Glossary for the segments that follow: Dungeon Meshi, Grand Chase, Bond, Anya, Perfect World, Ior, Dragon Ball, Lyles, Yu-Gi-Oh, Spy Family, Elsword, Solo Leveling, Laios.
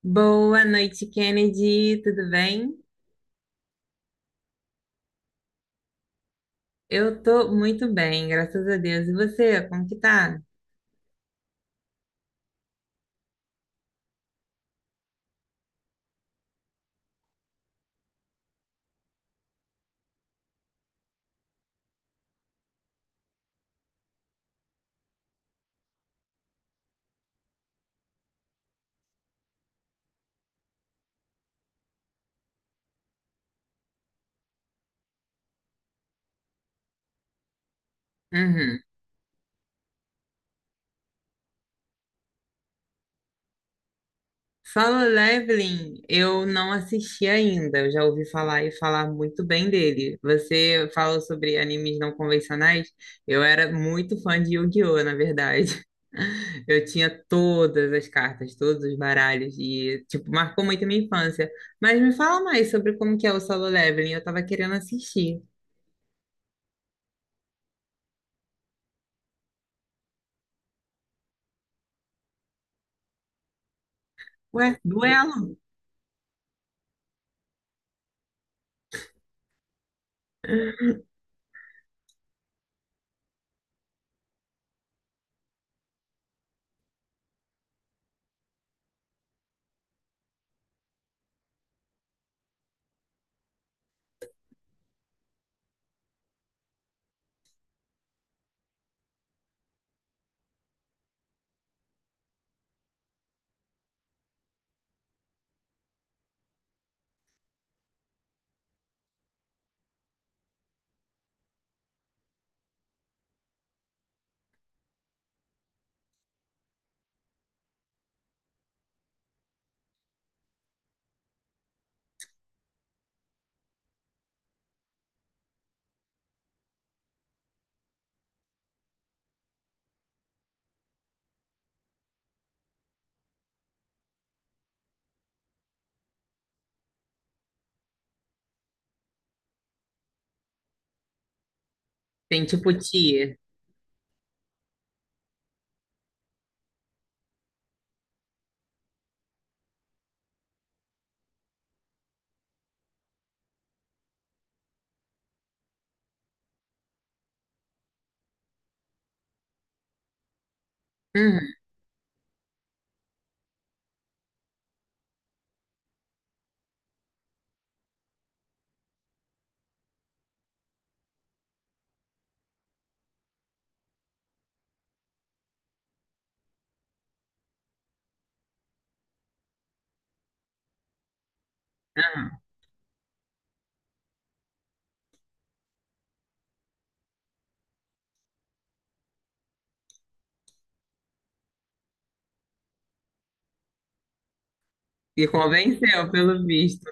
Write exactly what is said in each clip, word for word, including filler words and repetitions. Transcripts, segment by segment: Boa noite, Kennedy. Tudo bem? Eu tô muito bem, graças a Deus. E você, como que tá? Uhum. Solo Leveling, eu não assisti ainda. Eu já ouvi falar e falar muito bem dele. Você falou sobre animes não convencionais. Eu era muito fã de Yu-Gi-Oh, na verdade. Eu tinha todas as cartas, todos os baralhos e, tipo, marcou muito a minha infância. Mas me fala mais sobre como que é o Solo Leveling. Eu tava querendo assistir. Ué, duelo? Tem tipo tia. Uhum. E convenceu, pelo visto.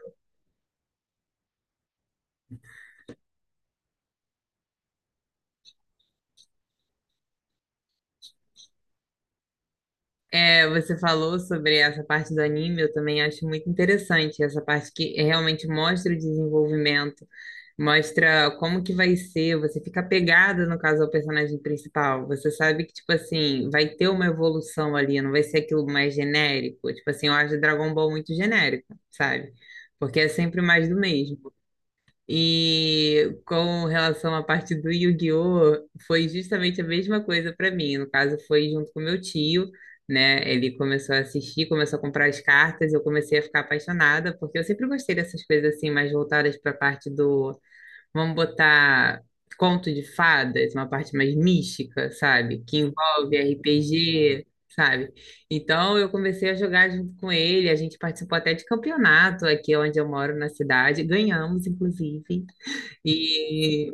É, você falou sobre essa parte do anime, eu também acho muito interessante essa parte que realmente mostra o desenvolvimento, mostra como que vai ser, você fica apegada, no caso, ao personagem principal. Você sabe que, tipo assim, vai ter uma evolução ali, não vai ser aquilo mais genérico. Tipo assim, eu acho Dragon Ball muito genérico, sabe? Porque é sempre mais do mesmo. E com relação à parte do Yu-Gi-Oh, foi justamente a mesma coisa para mim. No caso, foi junto com meu tio, né? Ele começou a assistir, começou a comprar as cartas, eu comecei a ficar apaixonada, porque eu sempre gostei dessas coisas assim mais voltadas para a parte do, vamos botar, conto de fadas, uma parte mais mística, sabe? Que envolve R P G, sabe? Então eu comecei a jogar junto com ele, a gente participou até de campeonato aqui onde eu moro na cidade, ganhamos, inclusive, e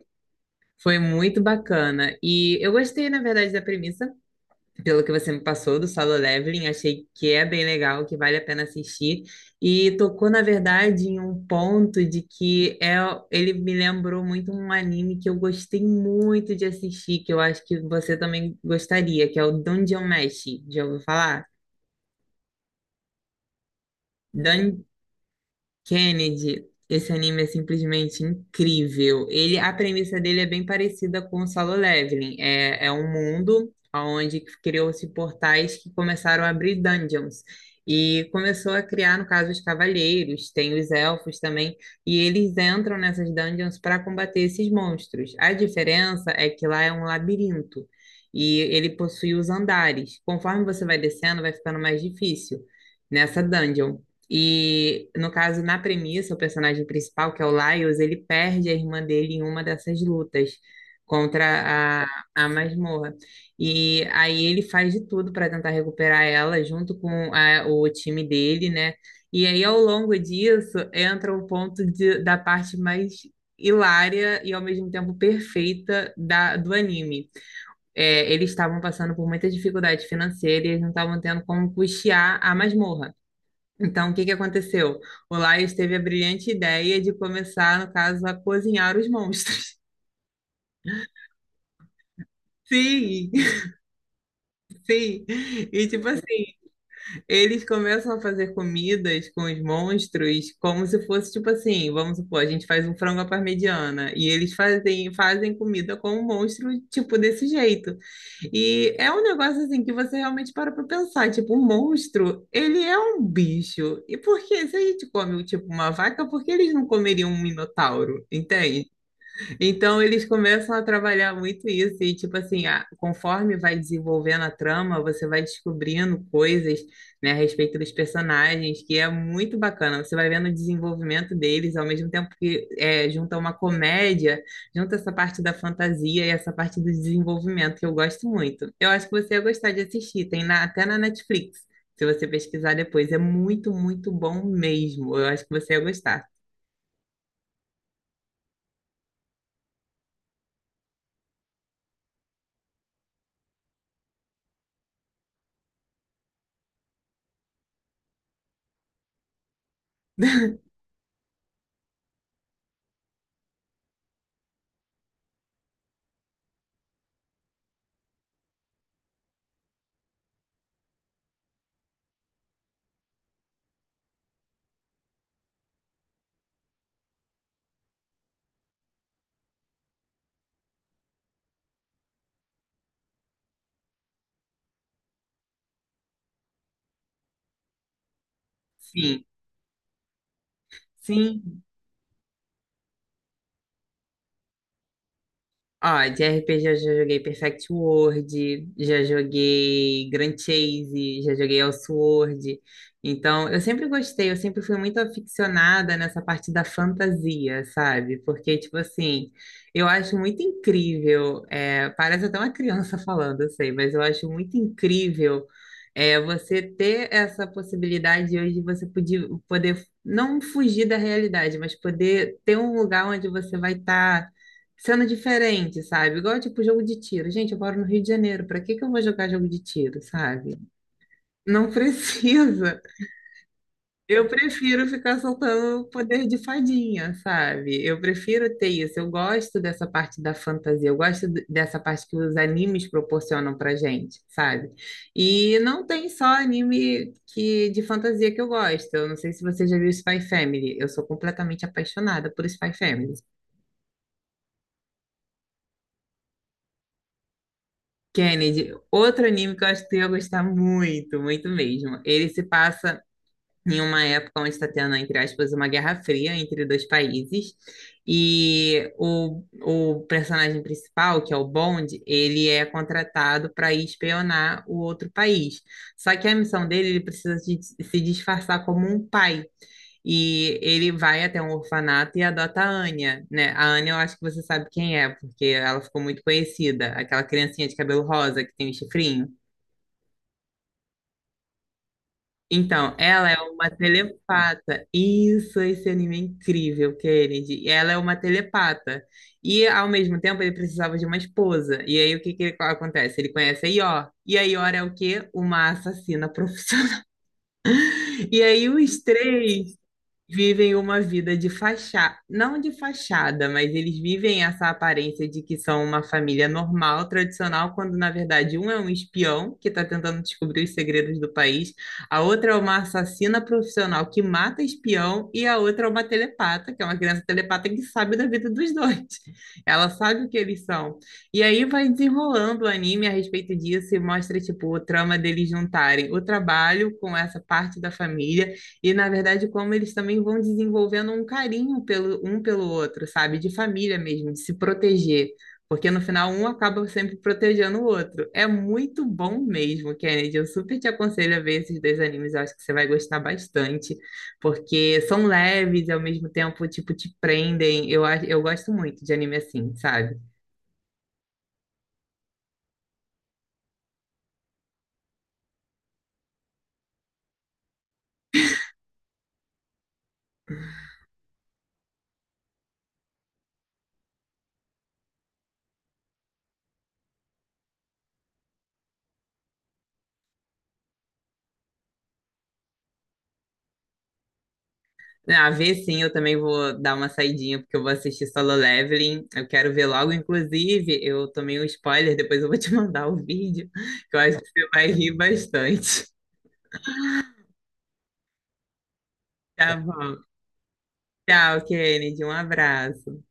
foi muito bacana. E eu gostei, na verdade, da premissa, pelo que você me passou do Solo Leveling, achei que é bem legal, que vale a pena assistir. E tocou, na verdade, em um ponto de que é, ele me lembrou muito um anime que eu gostei muito de assistir, que eu acho que você também gostaria, que é o Dungeon Meshi. Já ouviu falar? Kennedy, esse anime é simplesmente incrível. Ele, a premissa dele é bem parecida com o Solo Leveling. É, é um mundo onde criou-se portais que começaram a abrir dungeons. E começou a criar, no caso, os cavaleiros, tem os elfos também, e eles entram nessas dungeons para combater esses monstros. A diferença é que lá é um labirinto e ele possui os andares. Conforme você vai descendo, vai ficando mais difícil nessa dungeon. E no caso, na premissa, o personagem principal, que é o Lyles, ele perde a irmã dele em uma dessas lutas contra a, a masmorra. E aí ele faz de tudo para tentar recuperar ela junto com a- o time dele, né? E aí, ao longo disso, entra o ponto de- da parte mais hilária e ao mesmo tempo perfeita da, do anime. É, eles estavam passando por muita dificuldade financeira e eles não estavam tendo como custear a masmorra. Então, o que que aconteceu? O Laios teve a brilhante ideia de começar, no caso, a cozinhar os monstros. Sim, sim. E tipo assim, eles começam a fazer comidas com os monstros como se fosse tipo assim, vamos supor, a gente faz um frango à parmegiana e eles fazem fazem comida com o monstro tipo desse jeito. E é um negócio assim que você realmente para pra pensar, tipo, o monstro, ele é um bicho. E por que, se a gente come, tipo, uma vaca, por que eles não comeriam um minotauro? Então eles começam a trabalhar muito isso, e tipo assim, a- conforme vai desenvolvendo a trama, você vai descobrindo coisas, né, a respeito dos personagens, que é muito bacana. Você vai vendo o desenvolvimento deles, ao mesmo tempo que é, junta uma comédia, junta essa parte da fantasia e essa parte do desenvolvimento, que eu gosto muito. Eu acho que você ia gostar de assistir, tem na- até na Netflix, se você pesquisar depois. É muito, muito bom mesmo. Eu acho que você ia gostar. Sim, sim. Ó, de R P G eu já joguei Perfect World, já joguei Grand Chase, já joguei Elsword. Então, eu sempre gostei, eu sempre fui muito aficionada nessa parte da fantasia, sabe? Porque, tipo assim, eu acho muito incrível, é, parece até uma criança falando, eu sei, mas eu acho muito incrível, é, você ter essa possibilidade hoje de você poder, poder não fugir da realidade, mas poder ter um lugar onde você vai estar sendo diferente, sabe? Igual tipo jogo de tiro. Gente, eu moro no Rio de Janeiro, pra que que eu vou jogar jogo de tiro, sabe? Não precisa. Eu prefiro ficar soltando o poder de fadinha, sabe? Eu prefiro ter isso. Eu gosto dessa parte da fantasia, eu gosto d- dessa parte que os animes proporcionam pra gente, sabe? E não tem só anime que de fantasia que eu gosto. Eu não sei se você já viu Spy Family. Eu sou completamente apaixonada por Spy Family. Kennedy, outro anime que eu acho que tu ia gostar muito, muito mesmo. Ele se passa em uma época onde está tendo, entre aspas, uma guerra fria entre dois países. E o, o personagem principal, que é o Bond, ele é contratado para ir espionar o outro país. Só que a missão dele, ele precisa de- se disfarçar como um pai. E ele vai até um orfanato e adota a Anya, né? A Anya eu acho que você sabe quem é, porque ela ficou muito conhecida, aquela criancinha de cabelo rosa que tem o chifrinho. Então, ela é uma telepata. Isso, esse anime é incrível, Kennedy. Ela é uma telepata. E, ao mesmo tempo, ele precisava de uma esposa. E aí, o que que ele- acontece? Ele conhece a Ior. E a Ior é o quê? Uma assassina profissional. E aí, os três vivem uma vida de fachada, não de fachada, mas eles vivem essa aparência de que são uma família normal, tradicional, quando na verdade um é um espião que está tentando descobrir os segredos do país, a outra é uma assassina profissional que mata espião e a outra é uma telepata, que é uma criança telepata que sabe da vida dos dois. Ela sabe o que eles são. E aí vai desenrolando o anime a respeito disso e mostra tipo o trama deles juntarem o trabalho com essa parte da família e, na verdade, como eles também vão desenvolvendo um carinho pelo, um pelo outro, sabe? De família mesmo, de se proteger. Porque no final um acaba sempre protegendo o outro. É muito bom mesmo, Kennedy. Eu super te aconselho a ver esses dois animes. Eu acho que você vai gostar bastante, porque são leves e ao mesmo tempo, tipo, te prendem. Eu, ach- eu gosto muito de anime assim, sabe? Ah, ver sim, eu também vou dar uma saidinha, porque eu vou assistir Solo Leveling. Eu quero ver logo, inclusive, eu tomei um spoiler, depois eu vou te mandar o vídeo, que eu acho que você vai rir bastante. Tá bom. Tchau, Kennedy. Um abraço.